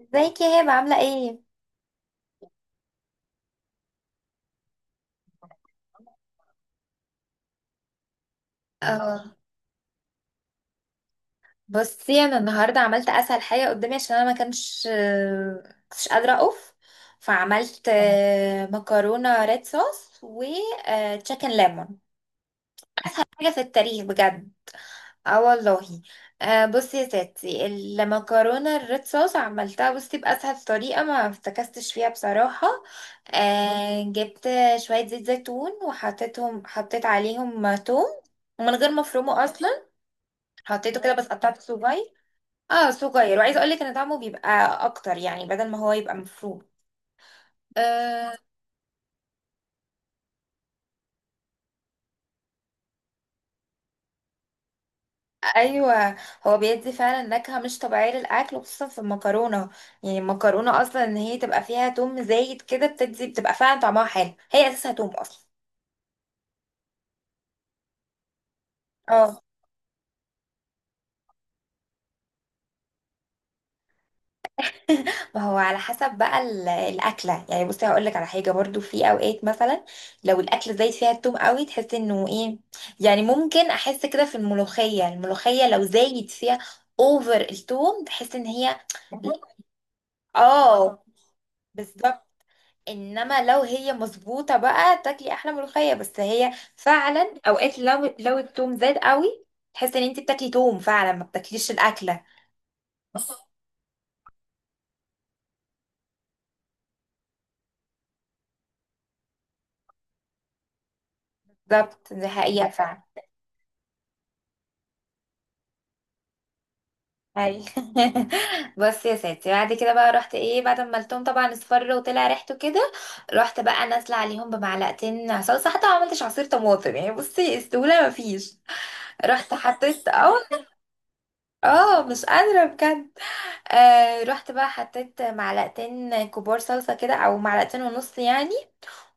ازيك يا هبة عاملة ايه؟ اه، بصي انا النهاردة عملت اسهل حاجة قدامي عشان انا ما كانش كنتش قادرة اقف. فعملت مكرونة ريد صوص و تشيكن ليمون. حاجة في التاريخ بجد. اه والله. بصي يا ستي، المكرونة الريد صوص عملتها بصي بأسهل طريقة، ما افتكستش فيها بصراحة. جبت شوية زيت زيتون وحطيتهم، حطيت عليهم توم، ومن غير ما افرمه اصلا. حطيته كده بس قطعته صغير. اه، صغير، وعايزه اقول لك ان طعمه بيبقى اكتر، يعني بدل ما هو يبقى مفروم. آه ايوه، هو بيدي فعلا نكهه مش طبيعيه للاكل، وخصوصا في المكرونه. يعني المكرونه اصلا ان هي تبقى فيها توم زايد كده بتدي، بتبقى فعلا طعمها حلو، هي اساسها توم اصلا. اه ما هو على حسب بقى الاكله. يعني بصي هقول لك على حاجه برضو، في اوقات مثلا لو الاكله زايد فيها التوم قوي تحس انه ايه. يعني ممكن احس كده في الملوخيه، الملوخيه لو زايد فيها اوفر التوم، تحس ان هي، اه بالظبط. انما لو هي مظبوطه بقى تاكلي احلى ملوخيه، بس هي فعلا اوقات لو التوم زاد قوي تحس ان انت بتاكلي توم فعلا، ما بتاكليش الاكله. بالظبط، دي حقيقه فعلا. اي بص يا ستي، بعد كده بقى رحت ايه، بعد ما قلتهم طبعا اصفر وطلع ريحته كده، رحت بقى نازله عليهم بمعلقتين صلصه، حتى ما عملتش عصير طماطم يعني، بصي استوله مفيش. رحت حطيت، اه، اه مش قادره بجد. آه رحت بقى حطيت معلقتين كبار صلصه كده او معلقتين ونص يعني.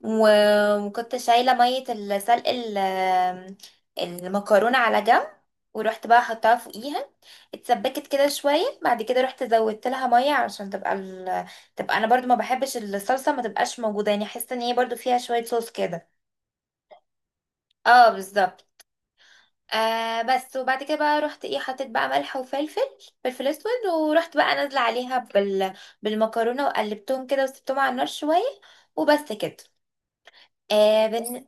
وكنت شايلة مية السلق المكرونة على جنب، ورحت بقى حطها فوقيها. اتسبكت كده شوية، بعد كده رحت زودت لها مية عشان تبقى ال... تبقى، انا برضو ما بحبش الصلصة ما تبقاش موجودة، يعني احس ان هي برضو فيها شوية صوص كده. اه بالظبط. آه بس، وبعد كده بقى رحت ايه، حطيت بقى ملح وفلفل، فلفل اسود، ورحت بقى نازلة عليها بال... بالمكرونة وقلبتهم كده وسبتهم على النار شوية، وبس كده. آه بن...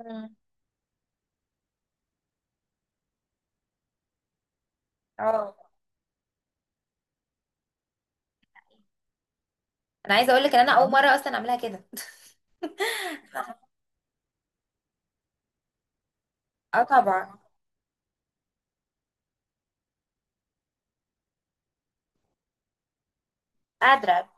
مم، اه انا عايزه اقول لك ان انا اول مره اصلا اعملها كده. اه طبعا. قادره.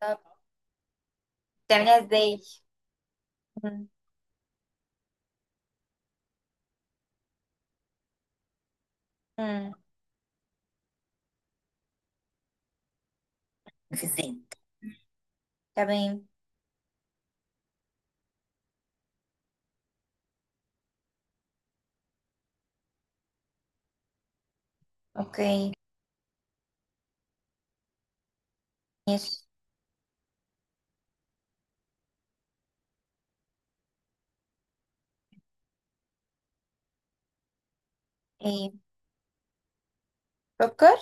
طب بتعمليها ازاي؟ مم. مم. في الزيت. تمام. اوكي. ماشي. ايه؟ سكر؟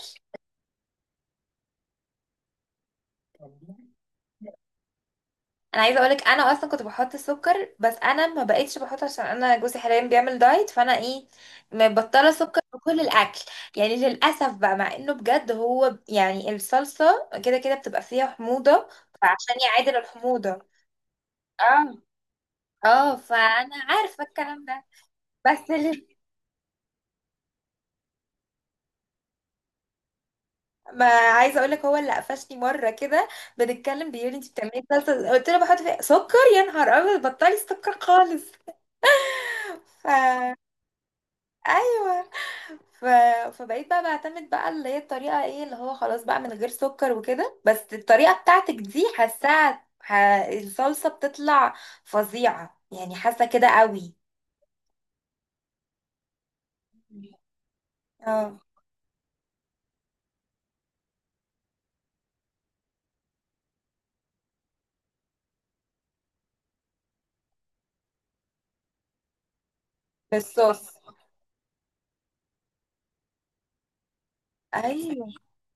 انا عايزه اقولك انا اصلا كنت بحط السكر، بس انا ما بقتش بحط عشان انا جوزي حاليا بيعمل دايت، فانا ايه، مبطله سكر في كل الاكل. يعني للاسف بقى، مع انه بجد هو ب- يعني الصلصه كده كده بتبقى فيها حموضه، فعشان يعادل الحموضه. اه. اه، فانا عارفه الكلام ده. بس اللي، ما عايزه اقول لك هو اللي قفشني مره كده، بنتكلم بيقول لي انت بتعملي صلصه، قلت له بحط فيها سكر، يا نهار ابيض بطلي سكر خالص. ف، ايوه. ف... فبقيت بقى بعتمد بقى اللي هي الطريقه ايه اللي هو خلاص بقى من غير سكر وكده، بس الطريقه بتاعتك دي حاساها ح... الصلصه بتطلع فظيعه يعني، حاسه كده قوي. اه. بالصوص. ايوه.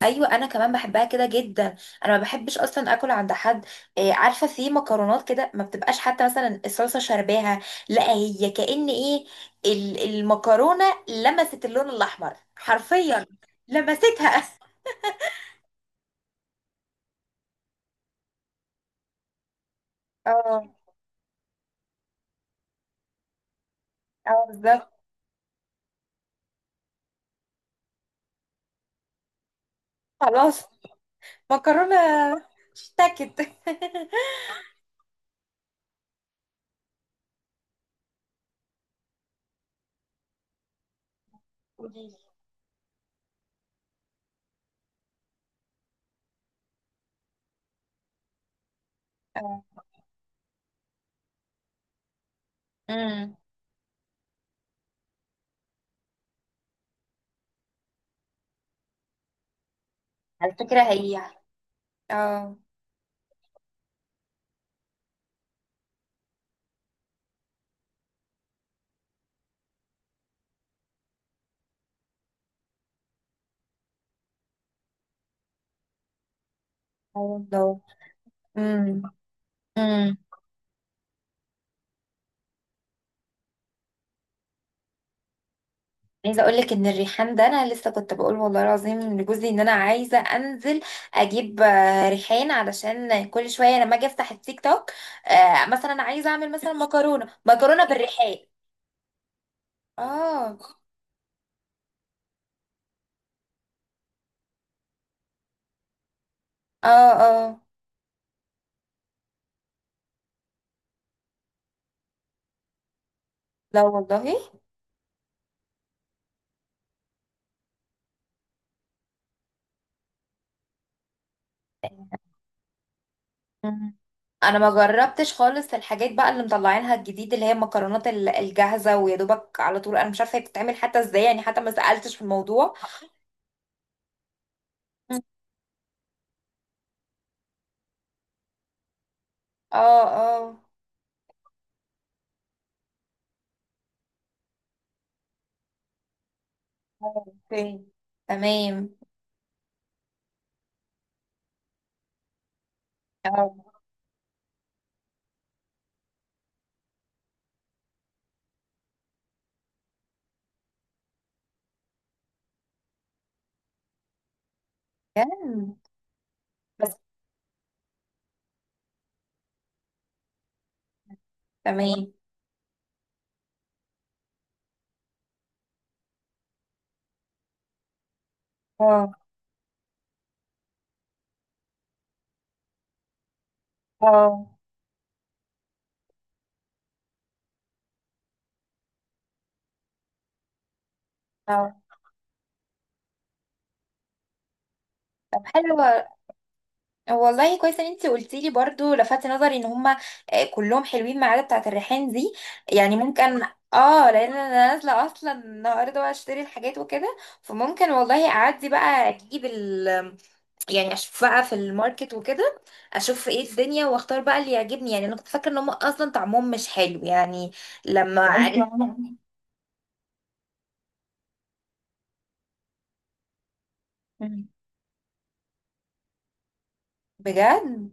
ايوه، انا كمان بحبها كده جدا. انا ما بحبش اصلا اكل عند حد. إيه، عارفه في مكرونات كده ما بتبقاش، حتى مثلا الصلصه شرباها، لا هي كأن ايه، المكرونه لمست اللون الاحمر حرفيا، لمستها. اه اه بالظبط. خلاص. مكرونه اشتكت. قوليلي. اه. امم. على فكره هي، اه. اه والله. امم. عايزه اقول لك ان الريحان ده انا لسه كنت بقول والله العظيم لجوزي ان انا عايزه انزل اجيب ريحان، علشان كل شويه لما اجي افتح التيك توك، مثلا عايزه اعمل مثلا مكرونه بالريحان. اه اه اه. لا والله. مم. انا ما جربتش خالص الحاجات بقى اللي مطلعينها الجديد، اللي هي المكرونات الجاهزه، ويا دوبك على طول، انا مش عارفه هي بتتعمل حتى ازاي يعني، حتى ما سالتش في الموضوع. مم. اه اه. اوكي. تمام. اه. بجد. بس. تمام. اه اه اه. طب حلو، والله كويس ان انت قلتي لي برضو، لفت نظري ان هما كلهم حلوين ما عدا بتاعه الريحان دي. يعني ممكن، اه، لان انا نازله اصلا النهارده بقى اشتري الحاجات وكده، فممكن والله اعدي بقى اجيب ال، يعني اشوف بقى في الماركت وكده، اشوف ايه الدنيا واختار بقى اللي يعجبني. يعني انا كنت فاكره ان هما اصلا طعمهم مش حلو يعني، لما أيوة، عرفت بجد.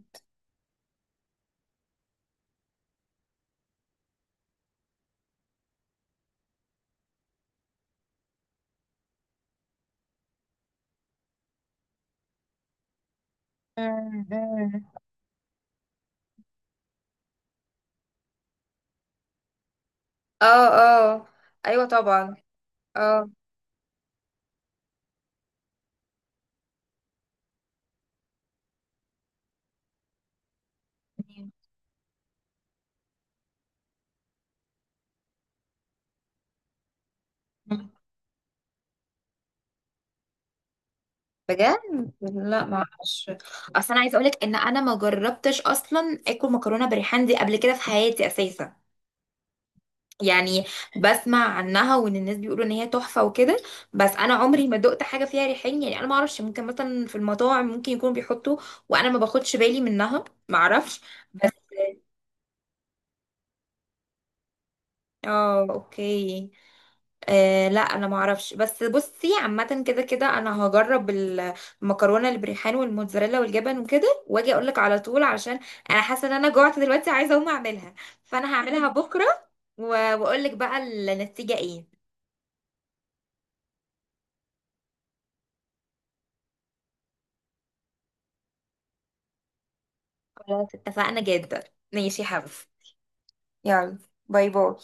اه اه. ايوه طبعا. اه بجد. لا ما اعرفش. اصل انا عايزه اقولك ان انا ما جربتش اصلا اكل مكرونه بالريحان دي قبل كده في حياتي اساسا. يعني بسمع عنها وان الناس بيقولوا ان هي تحفه وكده، بس انا عمري ما دقت حاجه فيها ريحان يعني. انا ما اعرفش، ممكن مثلا في المطاعم ممكن يكونوا بيحطوا وانا ما باخدش بالي منها، ما اعرفش. بس. اه اوكي. آه لا انا ما اعرفش، بس بصي عامه كده كده انا هجرب المكرونه اللي بريحان والموتزاريلا والجبن وكده، واجي اقول لك على طول، عشان انا حاسه ان انا جوعت دلوقتي، عايزه اقوم اعملها. فانا هعملها بكره، واقول لك بقى النتيجه ايه. خلاص، اتفقنا جدا. ماشي يا حبيبي. يلا. باي باي.